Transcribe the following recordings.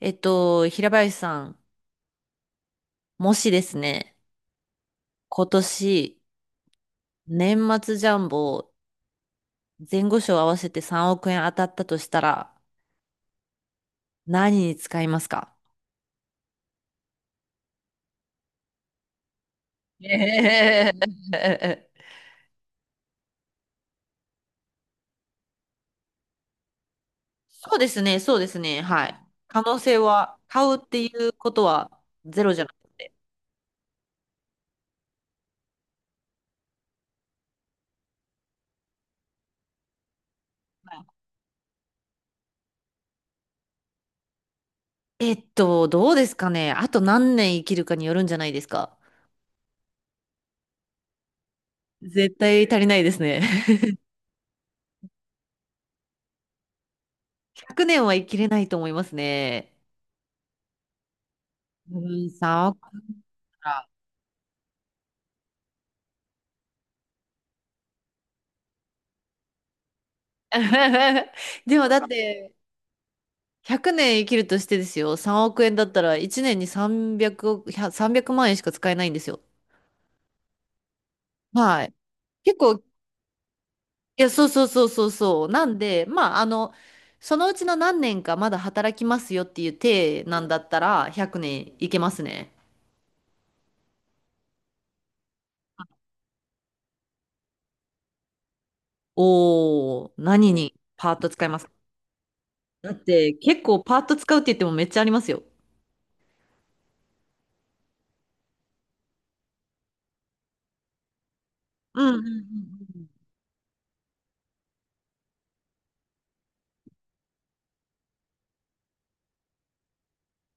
平林さん、もしですね、今年、年末ジャンボ、前後賞合わせて3億円当たったとしたら、何に使いますか？ええ そうですね、そうですね、はい。可能性は、買うっていうことはゼロじゃなくて。どうですかね。あと何年生きるかによるんじゃないですか？絶対足りないですね。100年は生きれないと思いますね。うん、3億か。でもだって100年生きるとしてですよ。3億円だったら1年に300億、300万円しか使えないんですよ。はい。結構、いや、そうそうそうそうそう。なんで、まあ、そのうちの何年かまだ働きますよっていう体なんだったら100年いけますね。おー、何にパート使いますか？だって結構パート使うって言ってもめっちゃありますよ。うんうんうんうん。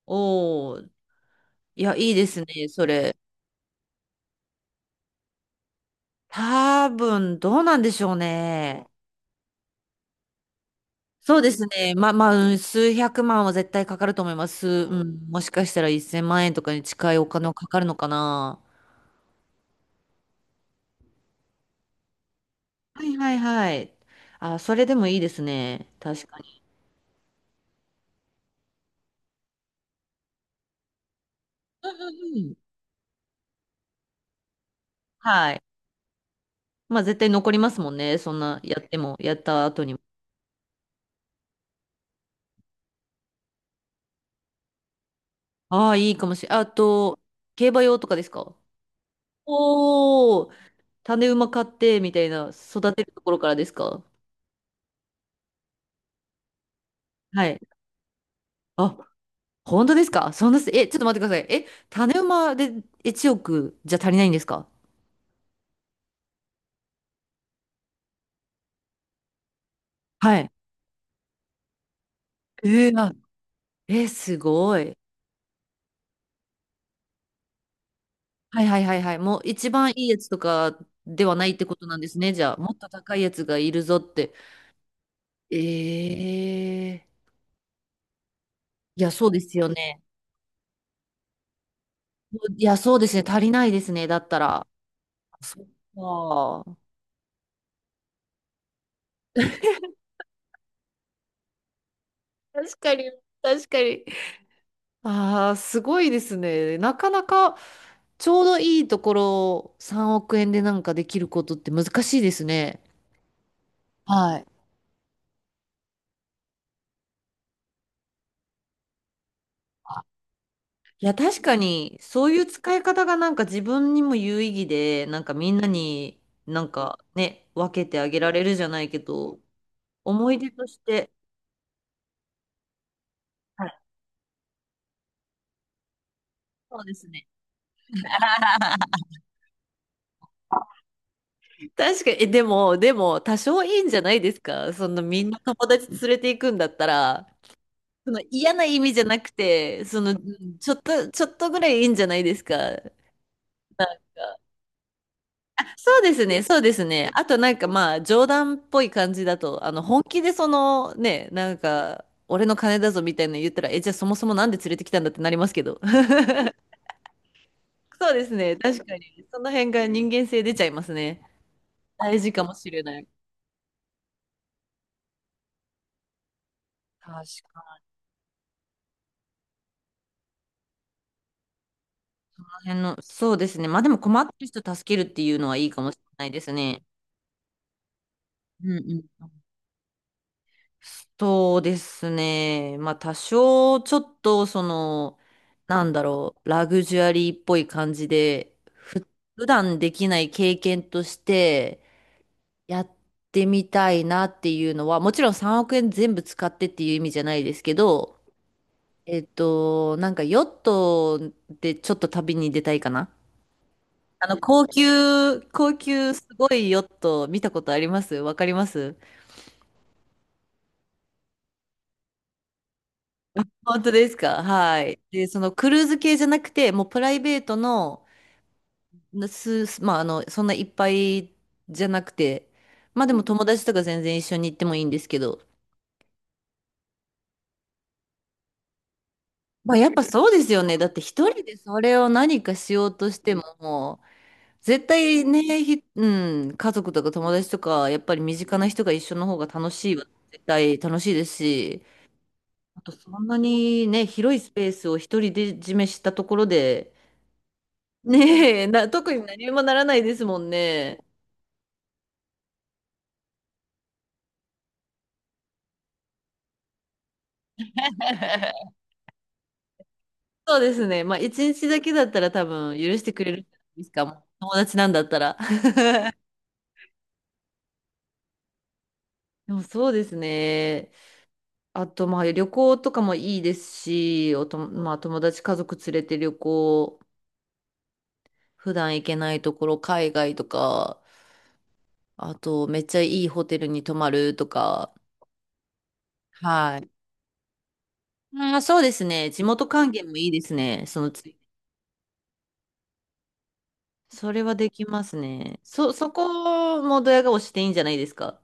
おー、いや、いいですね、それ。多分、どうなんでしょうね。そうですね。まあ、うん数百万は絶対かかると思います。うん、もしかしたら1000万円とかに近いお金はかかるのかな。はいはいはい。あ、それでもいいですね。確かに。うんはい。まあ、絶対残りますもんね。そんな、やっても、やった後にも。ああ、いいかもしれないあと、競馬用とかですか？おおー、種馬買って、みたいな、育てるところからですか？はい。あ、本当ですか？そんなす、え、ちょっと待ってください。え、種馬で1億じゃ足りないんですか？はい。あ、すごい。はいはいはいはい。もう一番いいやつとかではないってことなんですね。じゃあ、もっと高いやつがいるぞって。ええいや、そうですよね。いや、そうですね。足りないですね。だったら。そっか。確かに、確かに。ああ、すごいですね。なかなか、ちょうどいいところ3億円でなんかできることって難しいですね。はい。いや、確かに、そういう使い方がなんか自分にも有意義で、なんかみんなになんかね、分けてあげられるじゃないけど、思い出として、はいそうですね。確かに、えでも、でも、多少いいんじゃないですか？そのみんな友達連れていくんだったら、その嫌な意味じゃなくて、その、ちょっとぐらいいいんじゃないですか？なんかそうですね、そうですね。あとなんかまあ冗談っぽい感じだと、あの本気でそのね、なんか俺の金だぞみたいなの言ったら、え、じゃあそもそもなんで連れてきたんだってなりますけど。そうですね、確かに。その辺が人間性出ちゃいますね。大事かもしれない。確かに。あの辺の、そうですね。まあでも困ってる人助けるっていうのはいいかもしれないですね。うんうん。そうですね。まあ多少ちょっとなんだろう、ラグジュアリーっぽい感じで、普段できない経験としてやってみたいなっていうのは、もちろん3億円全部使ってっていう意味じゃないですけど、なんかヨットでちょっと旅に出たいかな。高級すごいヨット見たことありますわかります本当ですか？はい。で、そのクルーズ系じゃなくて、もうプライベートの、まあ、そんないっぱいじゃなくて、まあでも友達とか全然一緒に行ってもいいんですけど、まあやっぱそうですよね。だって一人でそれを何かしようとしても、絶対ね、うん、家族とか友達とか、やっぱり身近な人が一緒の方が楽しいは絶対楽しいですし、あとそんなにね、広いスペースを一人で占めしたところで、ねえ、特に何もならないですもんね。そうですね。まあ、一日だけだったら多分許してくれるんですか。もう友達なんだったら。でもそうですね。あと、まあ、旅行とかもいいですし、まあ、友達家族連れて旅行、普段行けないところ、海外とか、あと、めっちゃいいホテルに泊まるとか。はい。あー、そうですね。地元還元もいいですね。そのつ、それはできますね。そこもドヤ顔していいんじゃないですか？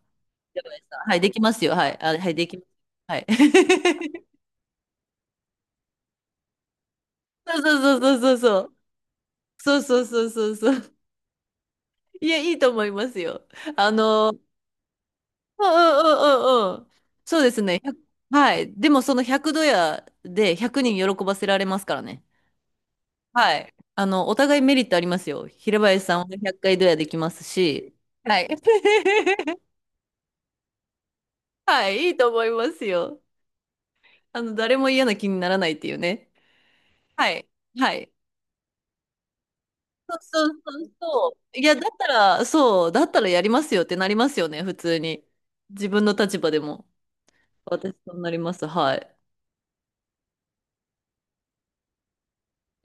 了解ですか？はい、できますよ。はい。あ、はい、できます。はい。そうそうそうそうそうそう。そうそうそうそうそう。いや、いいと思いますよ。うんうんうんうんうん。そうですね。ひゃくはい。でもその100ドヤで100人喜ばせられますからね。はい。お互いメリットありますよ。平林さんは100回ドヤできますし。はい。はい、いいと思いますよ。誰も嫌な気にならないっていうね。はい。はい。そうそうそうそう。いや、だったらやりますよってなりますよね、普通に。自分の立場でも。私そうなります。はい。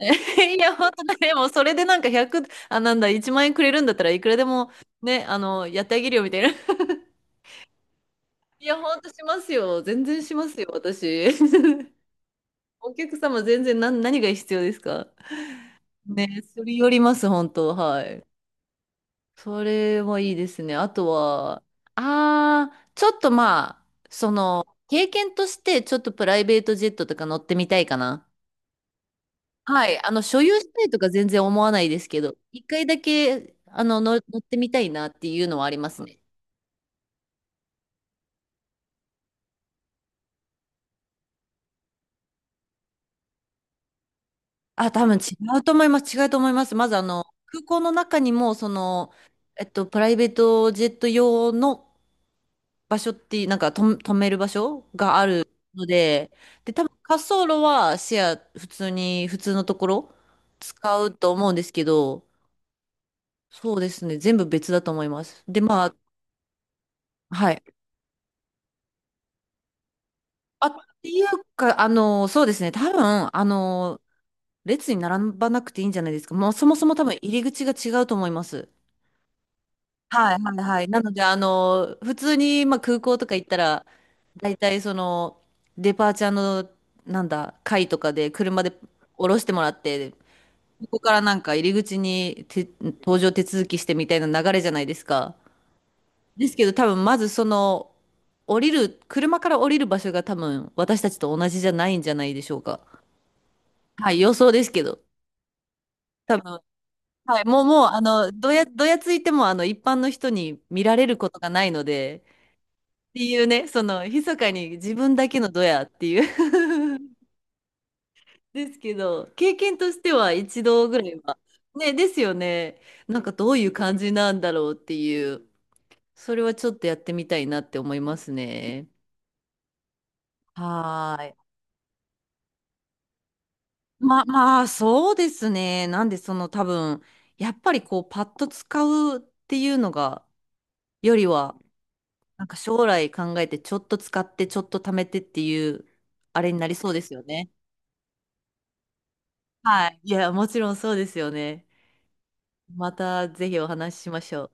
いや、本当ねでも、それでなんか100、あ、なんだ、1万円くれるんだったらいくらでも、ね、やってあげるよ、みたいな。いや、ほんとしますよ。全然しますよ、私。お客様、全然何が必要ですか？ね、すり寄ります、本当、はい。それもいいですね。あとは、ああ、ちょっとまあ、経験として、ちょっとプライベートジェットとか乗ってみたいかな。はい。所有したいとか全然思わないですけど、一回だけ、乗ってみたいなっていうのはありますね。あ、多分違うと思います。違うと思います。まず、空港の中にも、プライベートジェット用の場所って、なんかと止める場所があるので、で、多分滑走路はシェア、普通に、普通のところ使うと思うんですけど、そうですね、全部別だと思います。で、まあ、はい。あ、っていうか、そうですね、多分、列に並ばなくていいんじゃないですか？もうそもそも多分入り口が違うと思います。はいはいはい。なので、普通に、まあ、空港とか行ったら、大体そのデパーチャーのなんだ会とかで車で降ろしてもらってここからなんか入り口にて搭乗手続きしてみたいな流れじゃないですか？ですけど多分まずその降りる車から降りる場所が多分私たちと同じじゃないんじゃないでしょうか。はい予想ですけど多分、はい、もうどやついても一般の人に見られることがないのでっていうね密かに自分だけのドヤっていう ですけど、経験としては一度ぐらいは。ね、ですよね。なんかどういう感じなんだろうっていう、それはちょっとやってみたいなって思いますね。はーい。まあ、そうですね。なんで、多分、やっぱりこう、パッと使うっていうのが、よりは、なんか将来考えて、ちょっと使って、ちょっと貯めてっていう、あれになりそうですよね。はい。いや、もちろんそうですよね。またぜひお話ししましょう。